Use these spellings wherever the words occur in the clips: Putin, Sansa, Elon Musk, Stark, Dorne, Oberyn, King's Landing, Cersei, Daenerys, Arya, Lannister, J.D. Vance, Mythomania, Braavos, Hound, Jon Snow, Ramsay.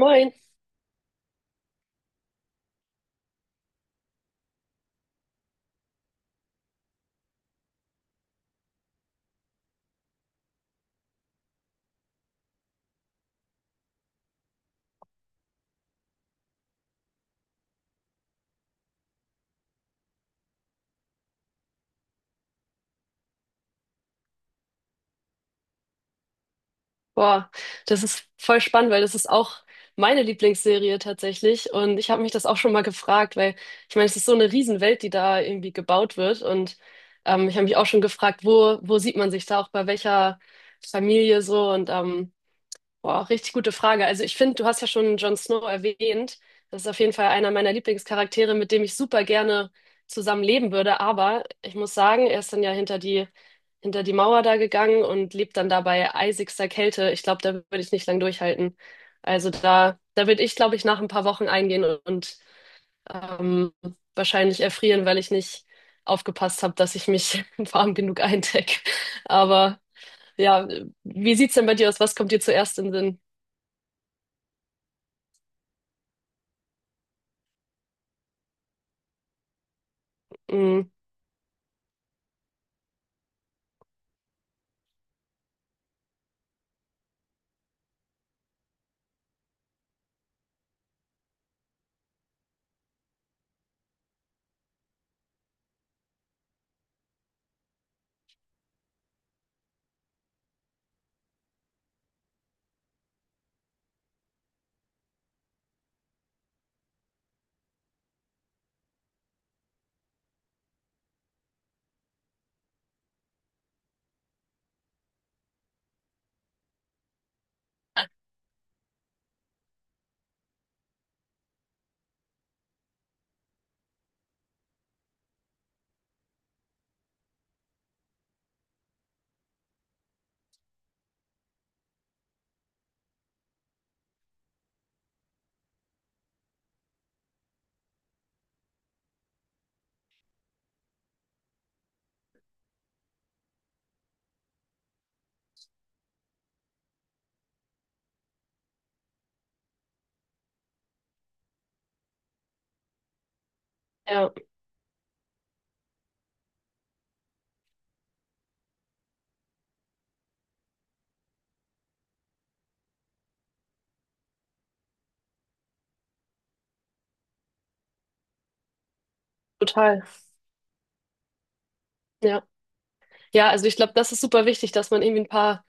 Moin. Boah, das ist voll spannend, weil das ist auch meine Lieblingsserie tatsächlich. Und ich habe mich das auch schon mal gefragt, weil ich meine, es ist so eine Riesenwelt, die da irgendwie gebaut wird. Und ich habe mich auch schon gefragt, wo sieht man sich da auch bei welcher Familie so? Und Boah, richtig gute Frage. Also ich finde, du hast ja schon Jon Snow erwähnt. Das ist auf jeden Fall einer meiner Lieblingscharaktere, mit dem ich super gerne zusammen leben würde. Aber ich muss sagen, er ist dann ja hinter die Mauer da gegangen und lebt dann da bei eisigster Kälte. Ich glaube, da würde ich nicht lang durchhalten. Also da würde ich, glaube ich, nach ein paar Wochen eingehen und ähm, wahrscheinlich erfrieren, weil ich nicht aufgepasst habe, dass ich mich warm genug eindecke. Aber ja, wie sieht's denn bei dir aus? Was kommt dir zuerst in den Sinn? Mhm. Ja, total. Ja. Ja, also ich glaube, das ist super wichtig, dass man irgendwie ein paar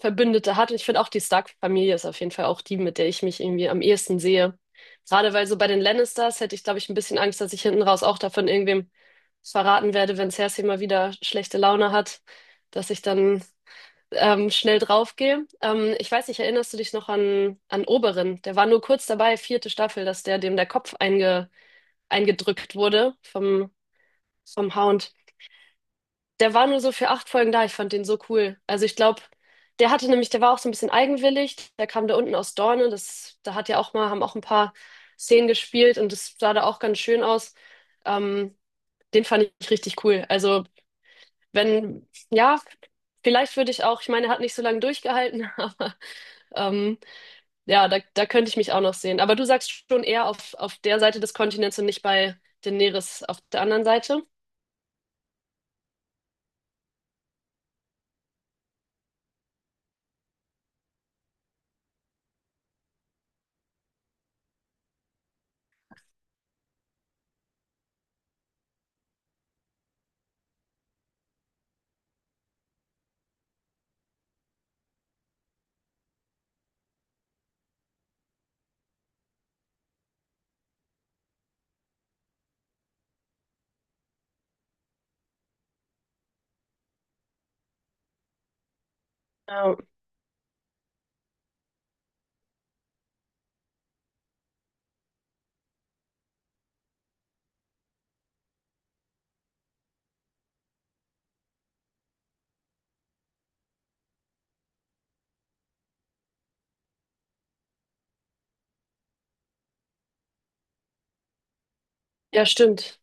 Verbündete hat. Und ich finde auch, die Stark-Familie ist auf jeden Fall auch die, mit der ich mich irgendwie am ehesten sehe. Gerade weil so bei den Lannisters hätte ich, glaube ich, ein bisschen Angst, dass ich hinten raus auch davon irgendwem verraten werde, wenn Cersei mal wieder schlechte Laune hat, dass ich dann schnell draufgehe. Ich weiß nicht, erinnerst du dich noch an Oberyn? Der war nur kurz dabei, 4. Staffel, dass der dem der Kopf eingedrückt wurde vom Hound. Der war nur so für 8 Folgen da. Ich fand den so cool. Also ich glaube, der hatte nämlich, der war auch so ein bisschen eigenwillig. Der kam da unten aus Dorne. Das, da hat ja auch mal, haben auch ein paar Szenen gespielt und das sah da auch ganz schön aus. Ähm, Den fand ich richtig cool. Also wenn, ja, vielleicht würde ich auch, ich meine, er hat nicht so lange durchgehalten, aber ähm, ja, da könnte ich mich auch noch sehen. Aber du sagst schon eher auf der Seite des Kontinents und nicht bei Daenerys auf der anderen Seite. Ja, ja, stimmt.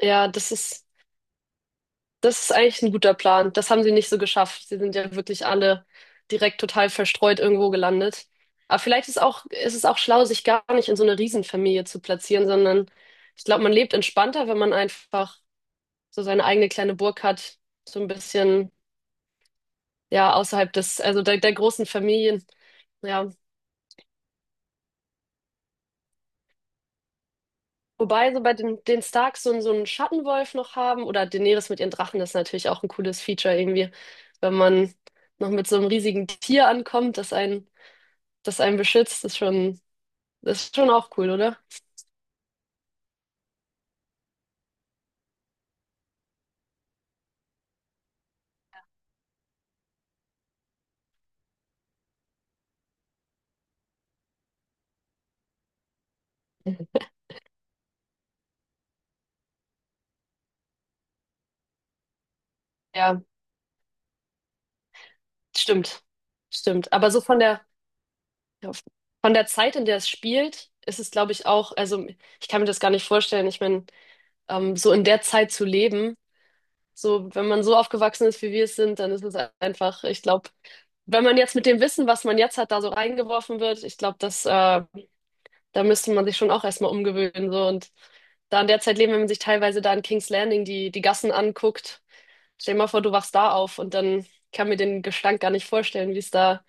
Ja, Das ist eigentlich ein guter Plan. Das haben sie nicht so geschafft. Sie sind ja wirklich alle direkt total verstreut irgendwo gelandet. Aber vielleicht ist auch, ist es auch schlau, sich gar nicht in so eine Riesenfamilie zu platzieren, sondern ich glaube, man lebt entspannter, wenn man einfach so seine eigene kleine Burg hat, so ein bisschen, ja, außerhalb des, also der großen Familien. Ja. Wobei so bei den Starks so, so einen Schattenwolf noch haben oder Daenerys mit ihren Drachen, das ist natürlich auch ein cooles Feature irgendwie, wenn man noch mit so einem riesigen Tier ankommt, das einen beschützt, ist schon auch cool, oder? Ja, stimmt. Stimmt. Aber so ja, von der Zeit, in der es spielt, ist es, glaube ich, auch, also ich kann mir das gar nicht vorstellen. Ich meine, so in der Zeit zu leben, so wenn man so aufgewachsen ist, wie wir es sind, dann ist es einfach, ich glaube, wenn man jetzt mit dem Wissen, was man jetzt hat, da so reingeworfen wird, ich glaube, da müsste man sich schon auch erstmal umgewöhnen, so und da in der Zeit leben, wenn man sich teilweise da in King's Landing die Gassen anguckt. Stell dir mal vor, du wachst da auf und dann kann mir den Gestank gar nicht vorstellen, wie es da,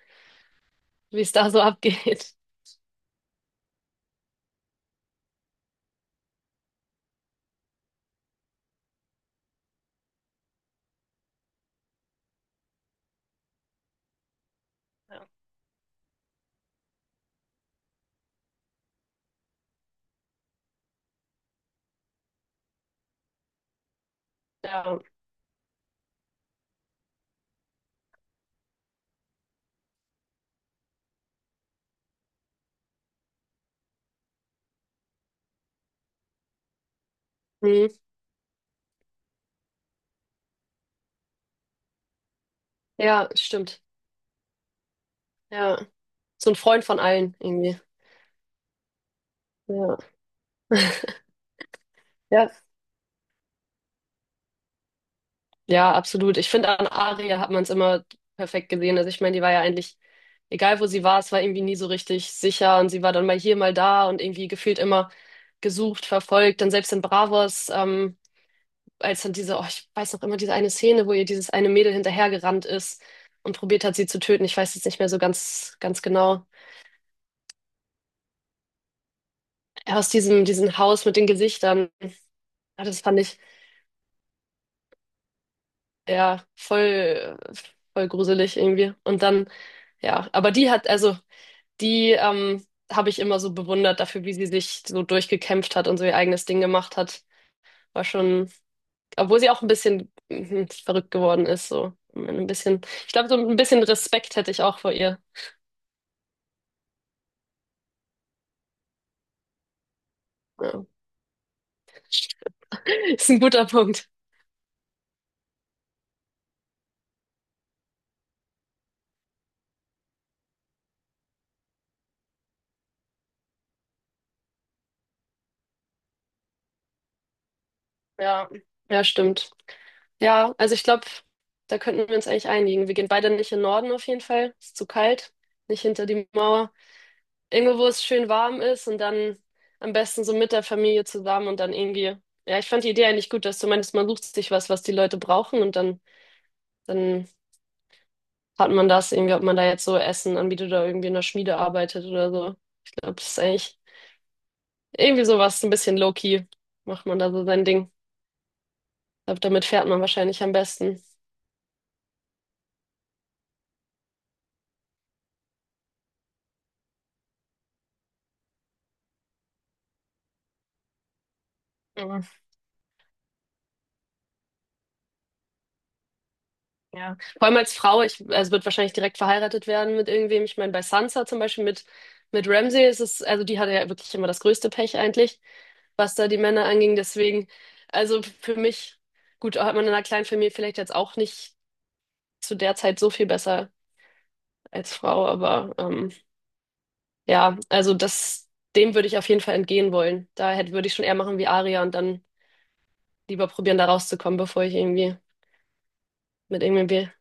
wie es da so abgeht. Ja. Ja. Mhm. Ja, stimmt. Ja. So ein Freund von allen irgendwie. Ja. Ja. Ja, absolut. Ich finde, an Aria hat man es immer perfekt gesehen. Also ich meine, die war ja eigentlich, egal wo sie war, es war irgendwie nie so richtig sicher und sie war dann mal hier, mal da und irgendwie gefühlt immer gesucht, verfolgt. Dann selbst in Bravos, als dann diese, oh, ich weiß noch immer, diese eine Szene, wo ihr dieses eine Mädel hinterhergerannt ist und probiert hat, sie zu töten. Ich weiß jetzt nicht mehr so ganz, ganz genau. Aus diesem Haus mit den Gesichtern. Ja, das fand ich ja voll gruselig irgendwie. Und dann, ja, aber die hat, also die habe ich immer so bewundert dafür, wie sie sich so durchgekämpft hat und so ihr eigenes Ding gemacht hat. War schon, obwohl sie auch ein bisschen verrückt geworden ist, so ein bisschen. Ich glaube, so ein bisschen Respekt hätte ich auch vor ihr. Ja. Ist ein guter Punkt. Ja, ja, stimmt. Ja, also ich glaube, da könnten wir uns eigentlich einigen. Wir gehen beide nicht in den Norden auf jeden Fall. Ist zu kalt. Nicht hinter die Mauer. Irgendwo, wo es schön warm ist und dann am besten so mit der Familie zusammen und dann irgendwie. Ja, ich fand die Idee eigentlich gut, dass du meinst, man sucht sich was, was die Leute brauchen und dann hat man das irgendwie, ob man da jetzt so Essen anbietet oder irgendwie in der Schmiede arbeitet oder so. Ich glaube, das ist eigentlich irgendwie sowas, ein bisschen low-key macht man da so sein Ding. Ich glaube, damit fährt man wahrscheinlich am besten. Mhm. Ja. Vor allem als Frau, also wird wahrscheinlich direkt verheiratet werden mit irgendwem. Ich meine, bei Sansa zum Beispiel mit Ramsay also die hatte ja wirklich immer das größte Pech eigentlich, was da die Männer anging. Deswegen, also für mich, gut, hat man in einer kleinen Familie vielleicht jetzt auch nicht zu der Zeit so viel besser als Frau, aber ja, also dem würde ich auf jeden Fall entgehen wollen. Würde ich schon eher machen wie Arya und dann lieber probieren, da rauszukommen, bevor ich irgendwie mit irgendwem will.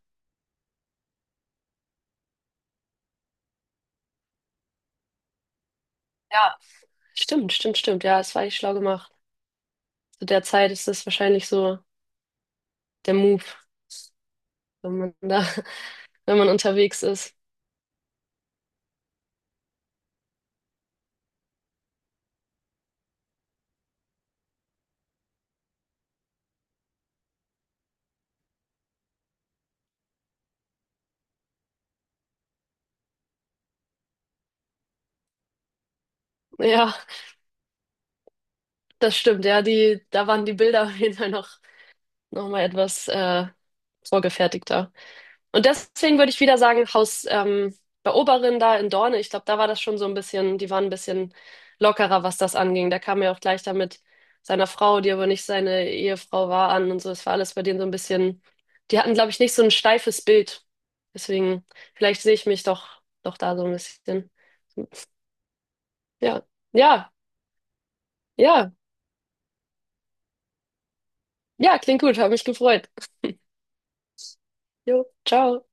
Stimmt, stimmt, stimmt. Ja, es war echt schlau gemacht. Zu der Zeit ist das wahrscheinlich so der Move, wenn man da, wenn man unterwegs ist. Ja, das stimmt. Ja, da waren die Bilder auf jeden Fall noch mal etwas vorgefertigter. Und deswegen würde ich wieder sagen, Haus bei Oberin da in Dorne, ich glaube, da war das schon so ein bisschen, die waren ein bisschen lockerer, was das anging. Da kam er auch gleich da mit seiner Frau, die aber nicht seine Ehefrau war, an und so. Es war alles bei denen so ein bisschen, die hatten, glaube ich, nicht so ein steifes Bild. Deswegen, vielleicht sehe ich mich doch da so ein bisschen. Ja, ja, ja, ja, klingt gut, habe mich gefreut. Jo, ciao.